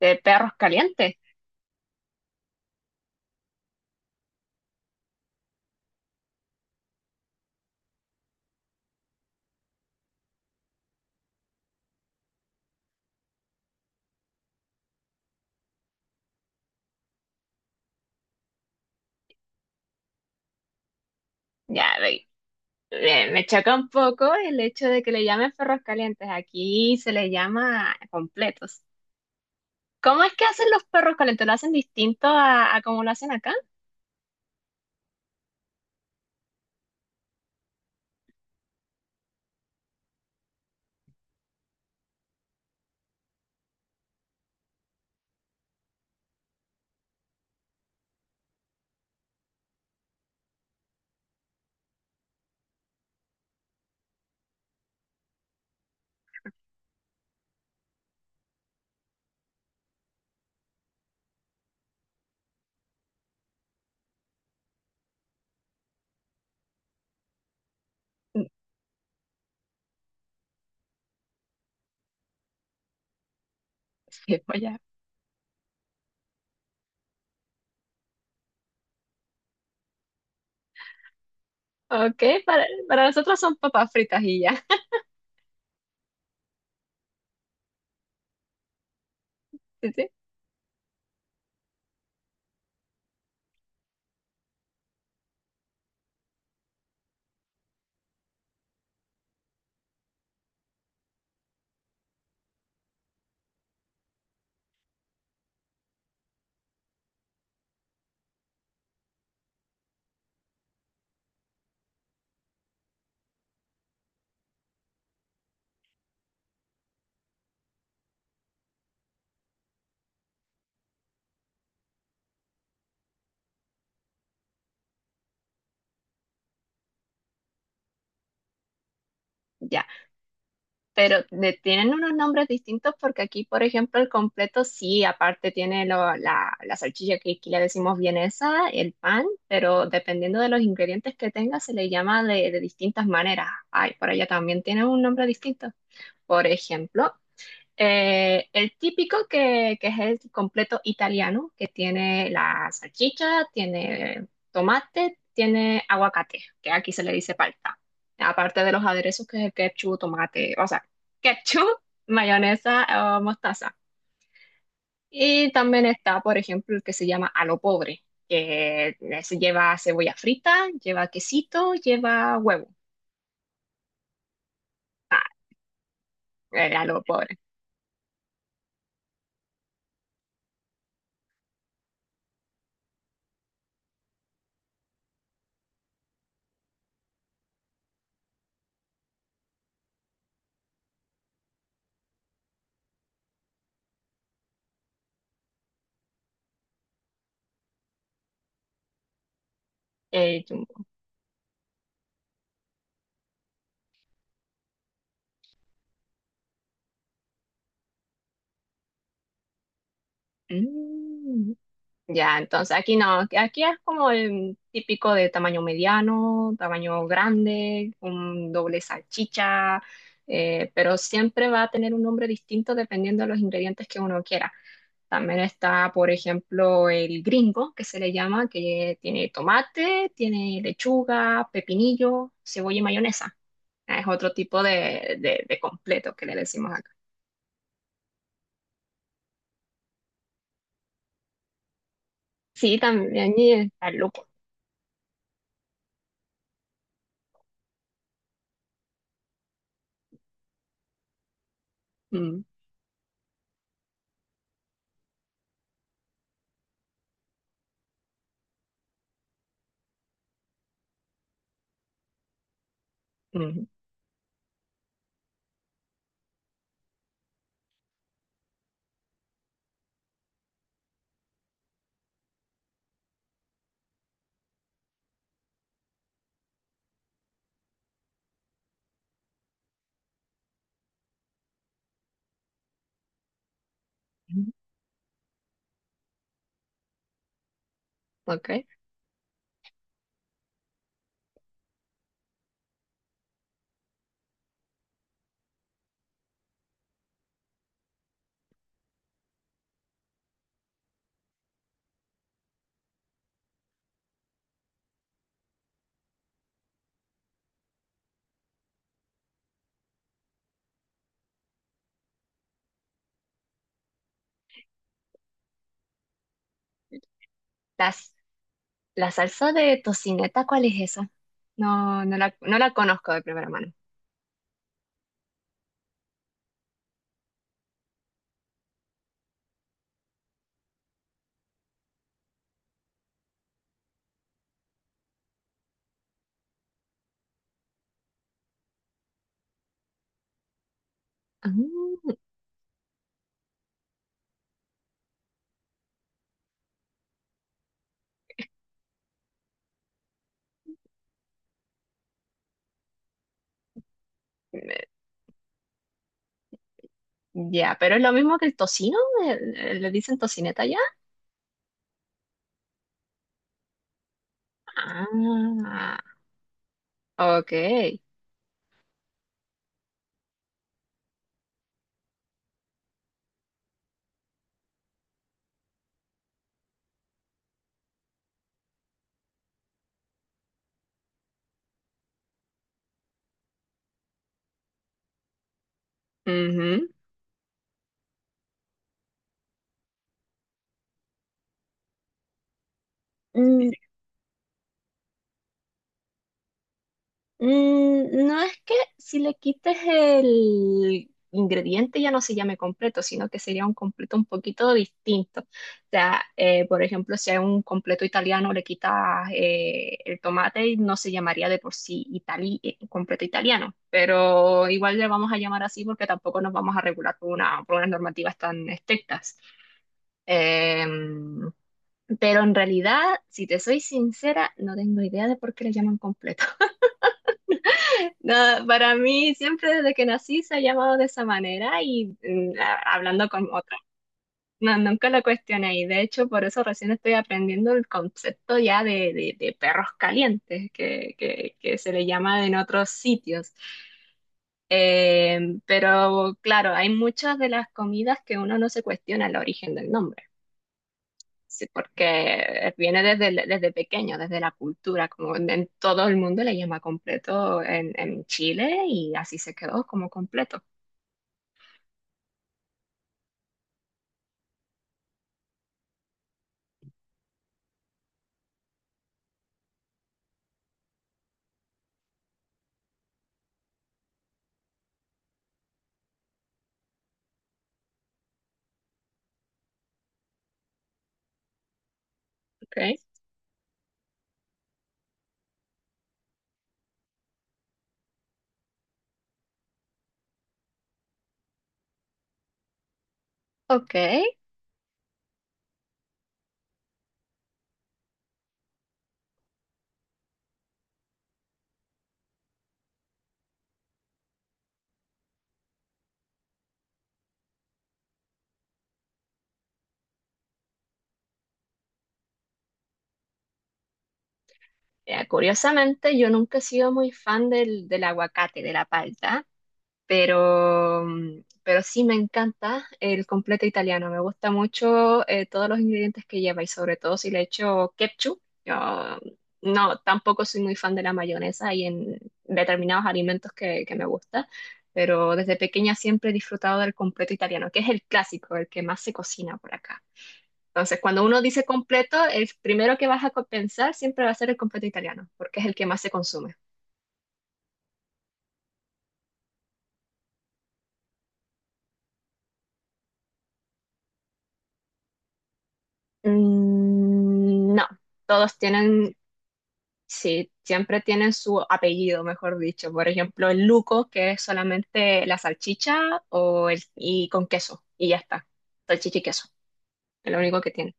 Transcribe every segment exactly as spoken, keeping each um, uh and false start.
De perros calientes. Ya, ve- eh, me choca un poco el hecho de que le llamen perros calientes. Aquí se les llama completos. ¿Cómo es que hacen los perros calientes? ¿Lo hacen distinto a, a como lo hacen acá? Mm. Sí, pues ya. Ok, para, para nosotros son papas fritas y ya. Sí, sí. Ya. Pero le tienen unos nombres distintos porque aquí, por ejemplo, el completo sí, aparte tiene lo- la, la salchicha que aquí le decimos vienesa, el pan, pero dependiendo de los ingredientes que tenga se le llama de, de distintas maneras. Ay, por allá también tiene un nombre distinto. Por ejemplo, eh, el típico que, que es el completo italiano, que tiene la salchicha, tiene tomate, tiene aguacate, que aquí se le dice palta. Aparte de los aderezos que es el ketchup, tomate, o sea, ketchup, mayonesa o mostaza. Y también está, por ejemplo, el que se llama a lo pobre, que es- lleva cebolla frita, lleva quesito, lleva huevo. Ah, el a lo pobre. El jumbo. Mm. Ya, entonces aquí no, aquí es como el típico de tamaño mediano, tamaño grande, un doble salchicha, eh, pero siempre va a tener un nombre distinto dependiendo de los ingredientes que uno quiera. También está, por ejemplo, el gringo, que se le llama, que tiene tomate, tiene lechuga, pepinillo, cebolla y mayonesa. Es otro tipo de, de, de completo que le decimos acá. Sí, también y está el lúpulo. Mm, mm, mm, ok. Las. La salsa de tocineta, ¿cuál es esa? No, no la, no la conozco de primera mano. Ah, eh, ya, pero es lo mismo que el tocino, eh, eh, le dicen tocineta ya. Ah, ok. Ujú. Mm, mm, no es que si le quites el ingrediente ya no se llame completo, sino que sería un completo un poquito distinto. O sea, eh, por ejemplo, si hay un completo italiano, le quitas eh, el tomate y no se llamaría de por sí itali- eh, completo italiano, pero igual le vamos a llamar así porque tampoco nos vamos a regular por una, por unas normativas tan estrictas. Em, pero en realidad, si te soy sincera, no tengo idea de por qué le llaman completo. No, para mí siempre desde que nací se ha llamado de esa manera y mm, a- hablando con otra. No, nunca lo cuestioné y de hecho por eso recién estoy aprendiendo el concepto ya de, de- de perros calientes que, que, que se le llama en otros sitios. Eh, pero claro, hay muchas de las comidas que uno no se cuestiona el origen del nombre. Sí, porque viene desde, el- desde pequeño, desde la cultura, como en, en todo el mundo le llama completo en, en Chile y así se quedó como completo. Okay. Ok. Eh, curiosamente, yo nunca he sido muy fan del, del aguacate, de la palta. Pero, mm, pero sí me encanta el completo italiano. Me gusta mucho eh, todos los ingredientes que lleva y sobre todo si le echo ketchup. Yo no, tampoco soy muy fan de la mayonesa y en determinados alimentos que, que me gusta, pero desde pequeña siempre he disfrutado del completo italiano, que es el clásico, el que más se cocina por acá. Entonces, cuando uno dice completo, el primero que vas a co- pensar siempre va a ser el completo italiano, porque es el que más se consume. Mm, no, todos tienen. Sí, siempre tienen su apellido, mejor dicho. Por ejemplo, el Luco, que es solamente la salchicha o el, y con queso, y ya está. Salchicha y queso, es lo único que tiene.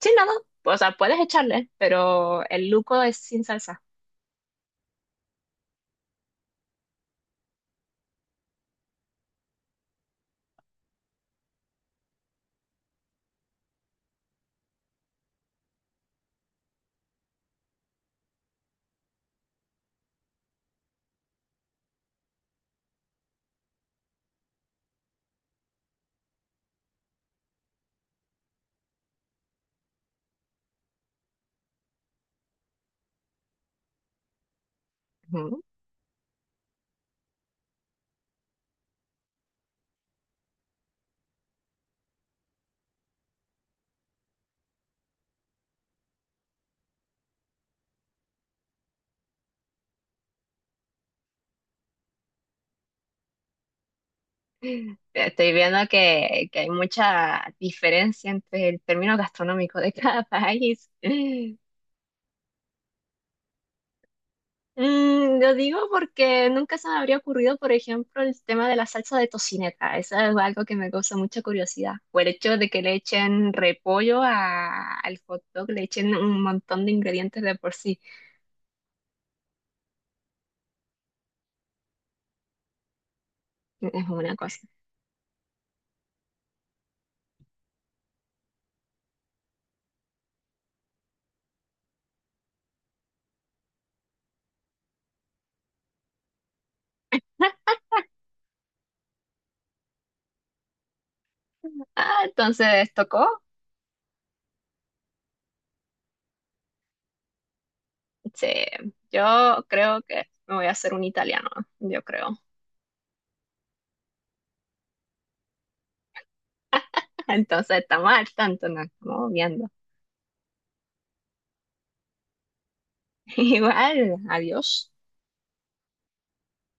Sin nada, o sea, puedes echarle, pero el Luco es sin salsa. Ujú. Estoy viendo que, que hay mucha diferencia entre el término gastronómico de cada país. Mm, lo digo porque nunca se me habría ocurrido, por ejemplo, el tema de la salsa de tocineta. Eso es algo que me causa mucha curiosidad. O el hecho de que le echen repollo a- al hot dog, le echen un montón de ingredientes de por sí. Es una cosa. Ah, entonces, ¿tocó? Sí, yo creo que me voy a hacer un italiano, yo creo. Entonces, estamos al tanto, nos estamos viendo. Igual, adiós.